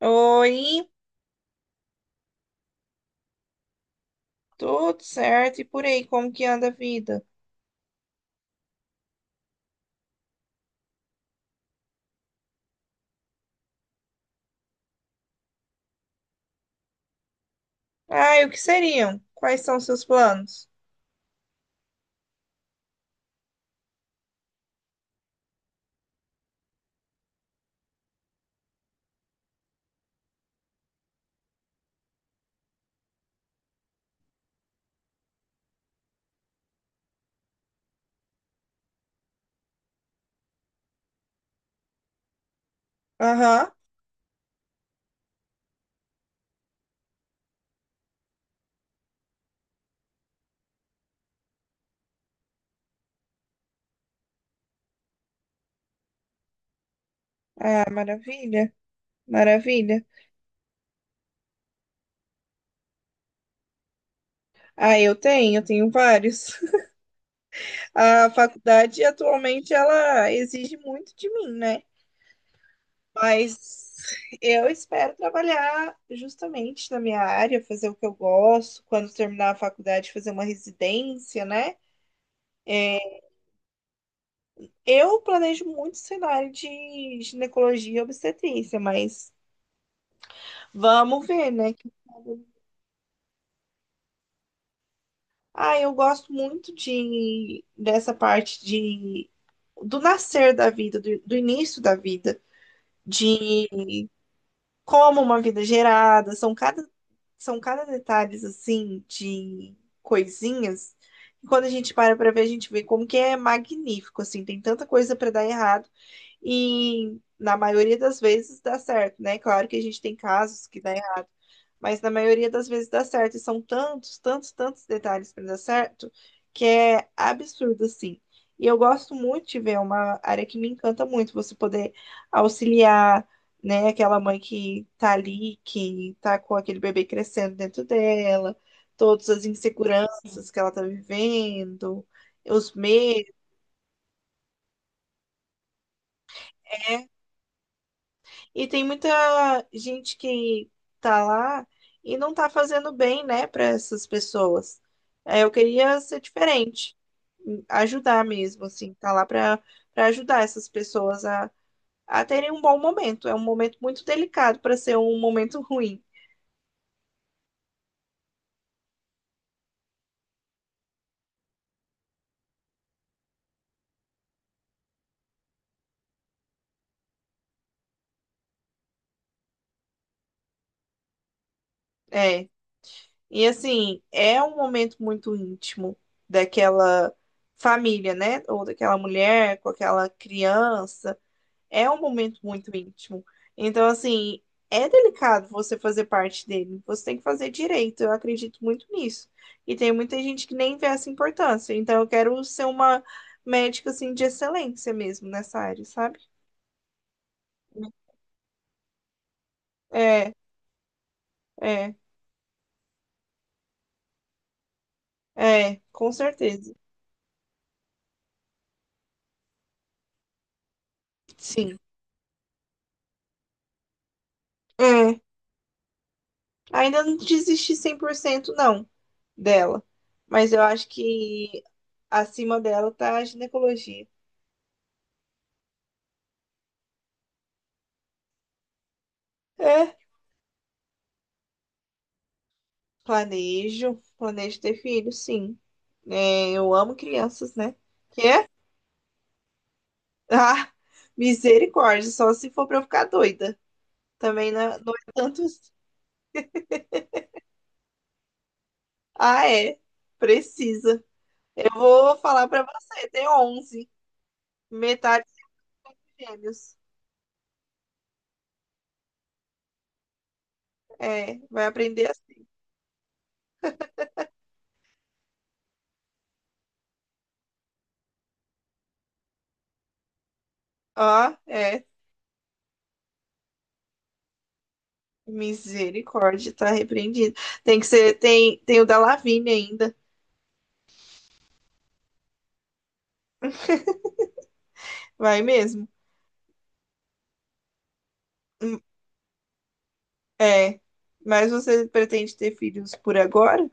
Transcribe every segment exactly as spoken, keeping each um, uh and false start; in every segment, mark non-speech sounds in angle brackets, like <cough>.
Oi, tudo certo? E por aí, como que anda a vida? Ah, e o que seriam? Quais são seus planos? Aham. Ah, maravilha, maravilha. Ah, eu tenho, eu tenho vários. <laughs> A faculdade atualmente ela exige muito de mim, né? Mas eu espero trabalhar justamente na minha área, fazer o que eu gosto, quando terminar a faculdade, fazer uma residência, né? É, Eu planejo muito cenário de ginecologia e obstetrícia, mas vamos ver, né? Que- ah, eu gosto muito de dessa parte de do nascer da vida, do, do início da vida, de como uma vida é gerada, são cada são cada detalhes assim de coisinhas. E quando a gente para para ver, a gente vê como que é magnífico, assim, tem tanta coisa para dar errado. E na maioria das vezes dá certo, né? Claro que a gente tem casos que dá errado, mas na maioria das vezes dá certo. E são tantos, tantos, tantos detalhes para dar certo que é absurdo, assim. E eu gosto muito de ver, é uma área que me encanta muito, você poder auxiliar, né, aquela mãe que tá ali, que tá com aquele bebê crescendo dentro dela, todas as inseguranças que ela tá vivendo, os medos. Né? E tem muita gente que tá lá e não tá fazendo bem, né, para essas pessoas. É, eu queria ser diferente, hum, ajudar mesmo, assim, tá lá para para ajudar essas pessoas a, a terem um bom momento. É um momento muito delicado para ser um momento <laughs> ruim. É. E assim, é um momento muito íntimo daquela família, né? Ou daquela mulher com aquela criança. É um momento muito íntimo. Então, assim, é delicado você fazer parte dele. Você tem que fazer direito. Eu acredito muito nisso. E tem muita gente que nem vê essa importância. Então, eu quero ser uma médica, assim, de excelência mesmo nessa área, sabe? É, é, é, com certeza. Sim. É. Ainda não desisti cem por cento não dela. Mas eu acho que acima dela tá a ginecologia. É. Planejo, planejo ter filho, sim. É, eu amo crianças, né? Quê? <laughs> Ah, misericórdia, só se for pra eu ficar doida. Também não, é, não é tantos. Ah, é. Precisa. Eu vou falar pra você, tem onze, metade de gêmeos. É, vai aprender assim. Ó é. Misericórdia, tá repreendido. Tem que ser, tem, tem o da Lavínia ainda. Vai mesmo. Hum. É. Mas você pretende ter filhos por agora?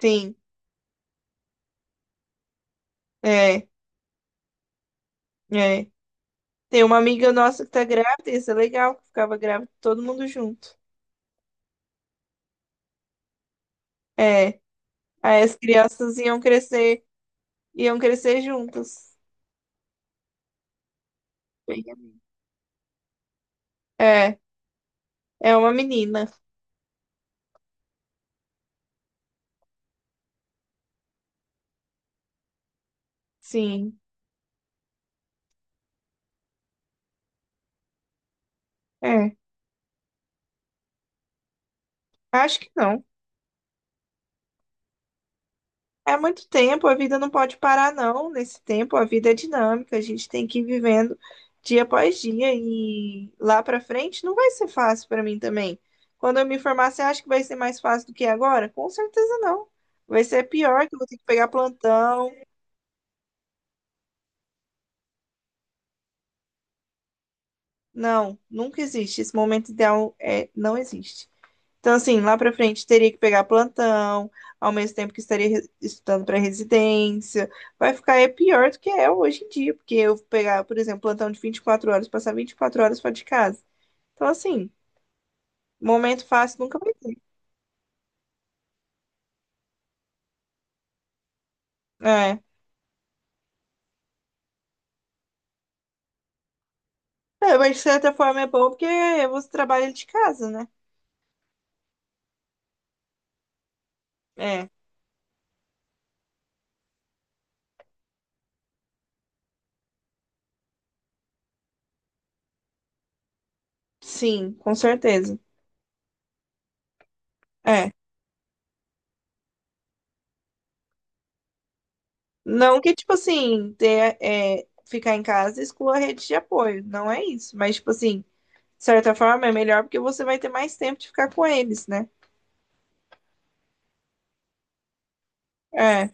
Sim. É, é. Tem uma amiga nossa que tá grávida, isso é legal, que ficava grávida todo mundo junto. É. Aí as crianças iam crescer, iam crescer juntas. Bem, é, é uma menina. Sim. É. Acho que não. É muito tempo, a vida não pode parar, não. Nesse tempo, a vida é dinâmica, a gente tem que ir vivendo dia após dia e lá pra frente não vai ser fácil pra mim também. Quando eu me formar, você acha que vai ser mais fácil do que agora? Com certeza não. Vai ser pior que eu vou ter que pegar plantão. Não, nunca existe. Esse momento ideal é, não existe. Então, assim, lá para frente teria que pegar plantão, ao mesmo tempo que estaria re- estudando para residência. Vai ficar é pior do que é hoje em dia, porque eu pegar, por exemplo, plantão de vinte e quatro horas, passar vinte e quatro horas fora de casa. Então, assim, momento fácil nunca vai ter. É. É, mas de certa forma é bom porque você trabalha de casa, né? É, sim, com certeza. É. Não que, tipo assim, ter, é, ficar em casa exclua a rede de apoio, não é isso. Mas, tipo assim, de certa forma, é melhor porque você vai ter mais tempo de ficar com eles, né? É,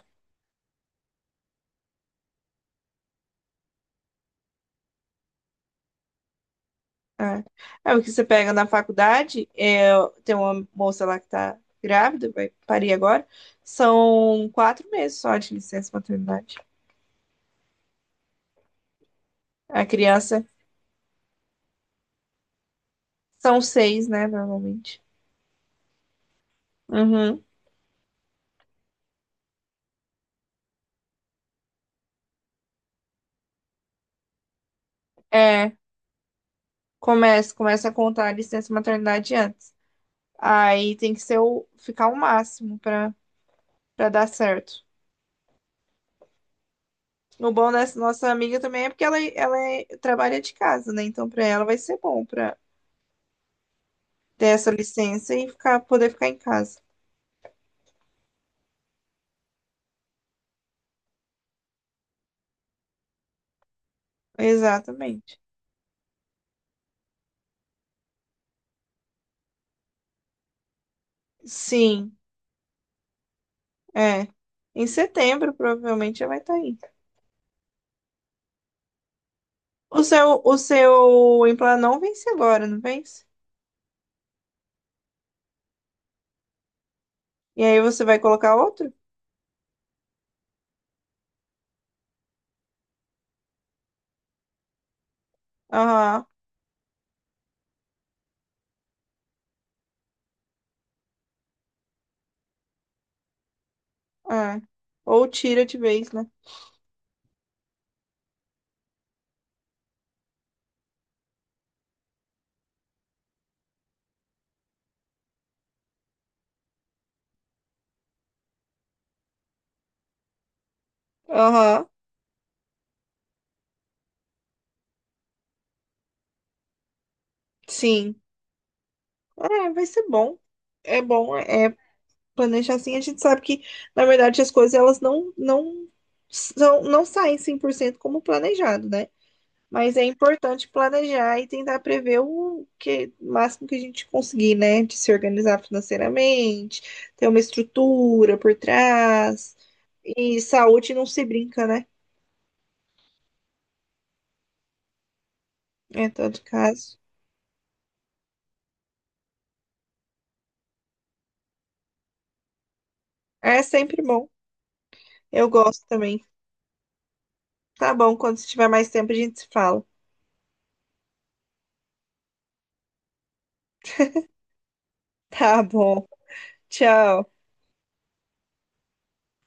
é. É o que você pega na faculdade, é, tem uma moça lá que tá grávida, vai parir agora, são quatro meses só de licença maternidade. A criança são seis, né, normalmente. Uhum. É, começa, começa a contar a licença maternidade antes. Aí tem que ser o, ficar o máximo para para dar certo. O bom dessa nossa amiga também é porque ela, ela é- trabalha de casa, né? Então, pra ela vai ser bom pra ter essa licença e ficar, poder ficar em casa. Exatamente. Sim, é. Em setembro, provavelmente, ela vai estar aí. O seu, o seu implante não vence agora, não vence? E aí você vai colocar outro? Aham, é. Ou tira de vez, né? Aham, sim. É, vai ser bom. É bom, é planejar assim, a gente sabe que, na verdade, as coisas elas não, não são, não saem cem por cento como planejado, né? Mas é importante planejar e tentar prever o que, o máximo que a gente conseguir, né? De se organizar financeiramente, ter uma estrutura por trás. E saúde não se brinca, né? Em todo caso. É sempre bom. Eu gosto também. Tá bom, quando se tiver mais tempo a gente se fala. Tá bom. Tchau.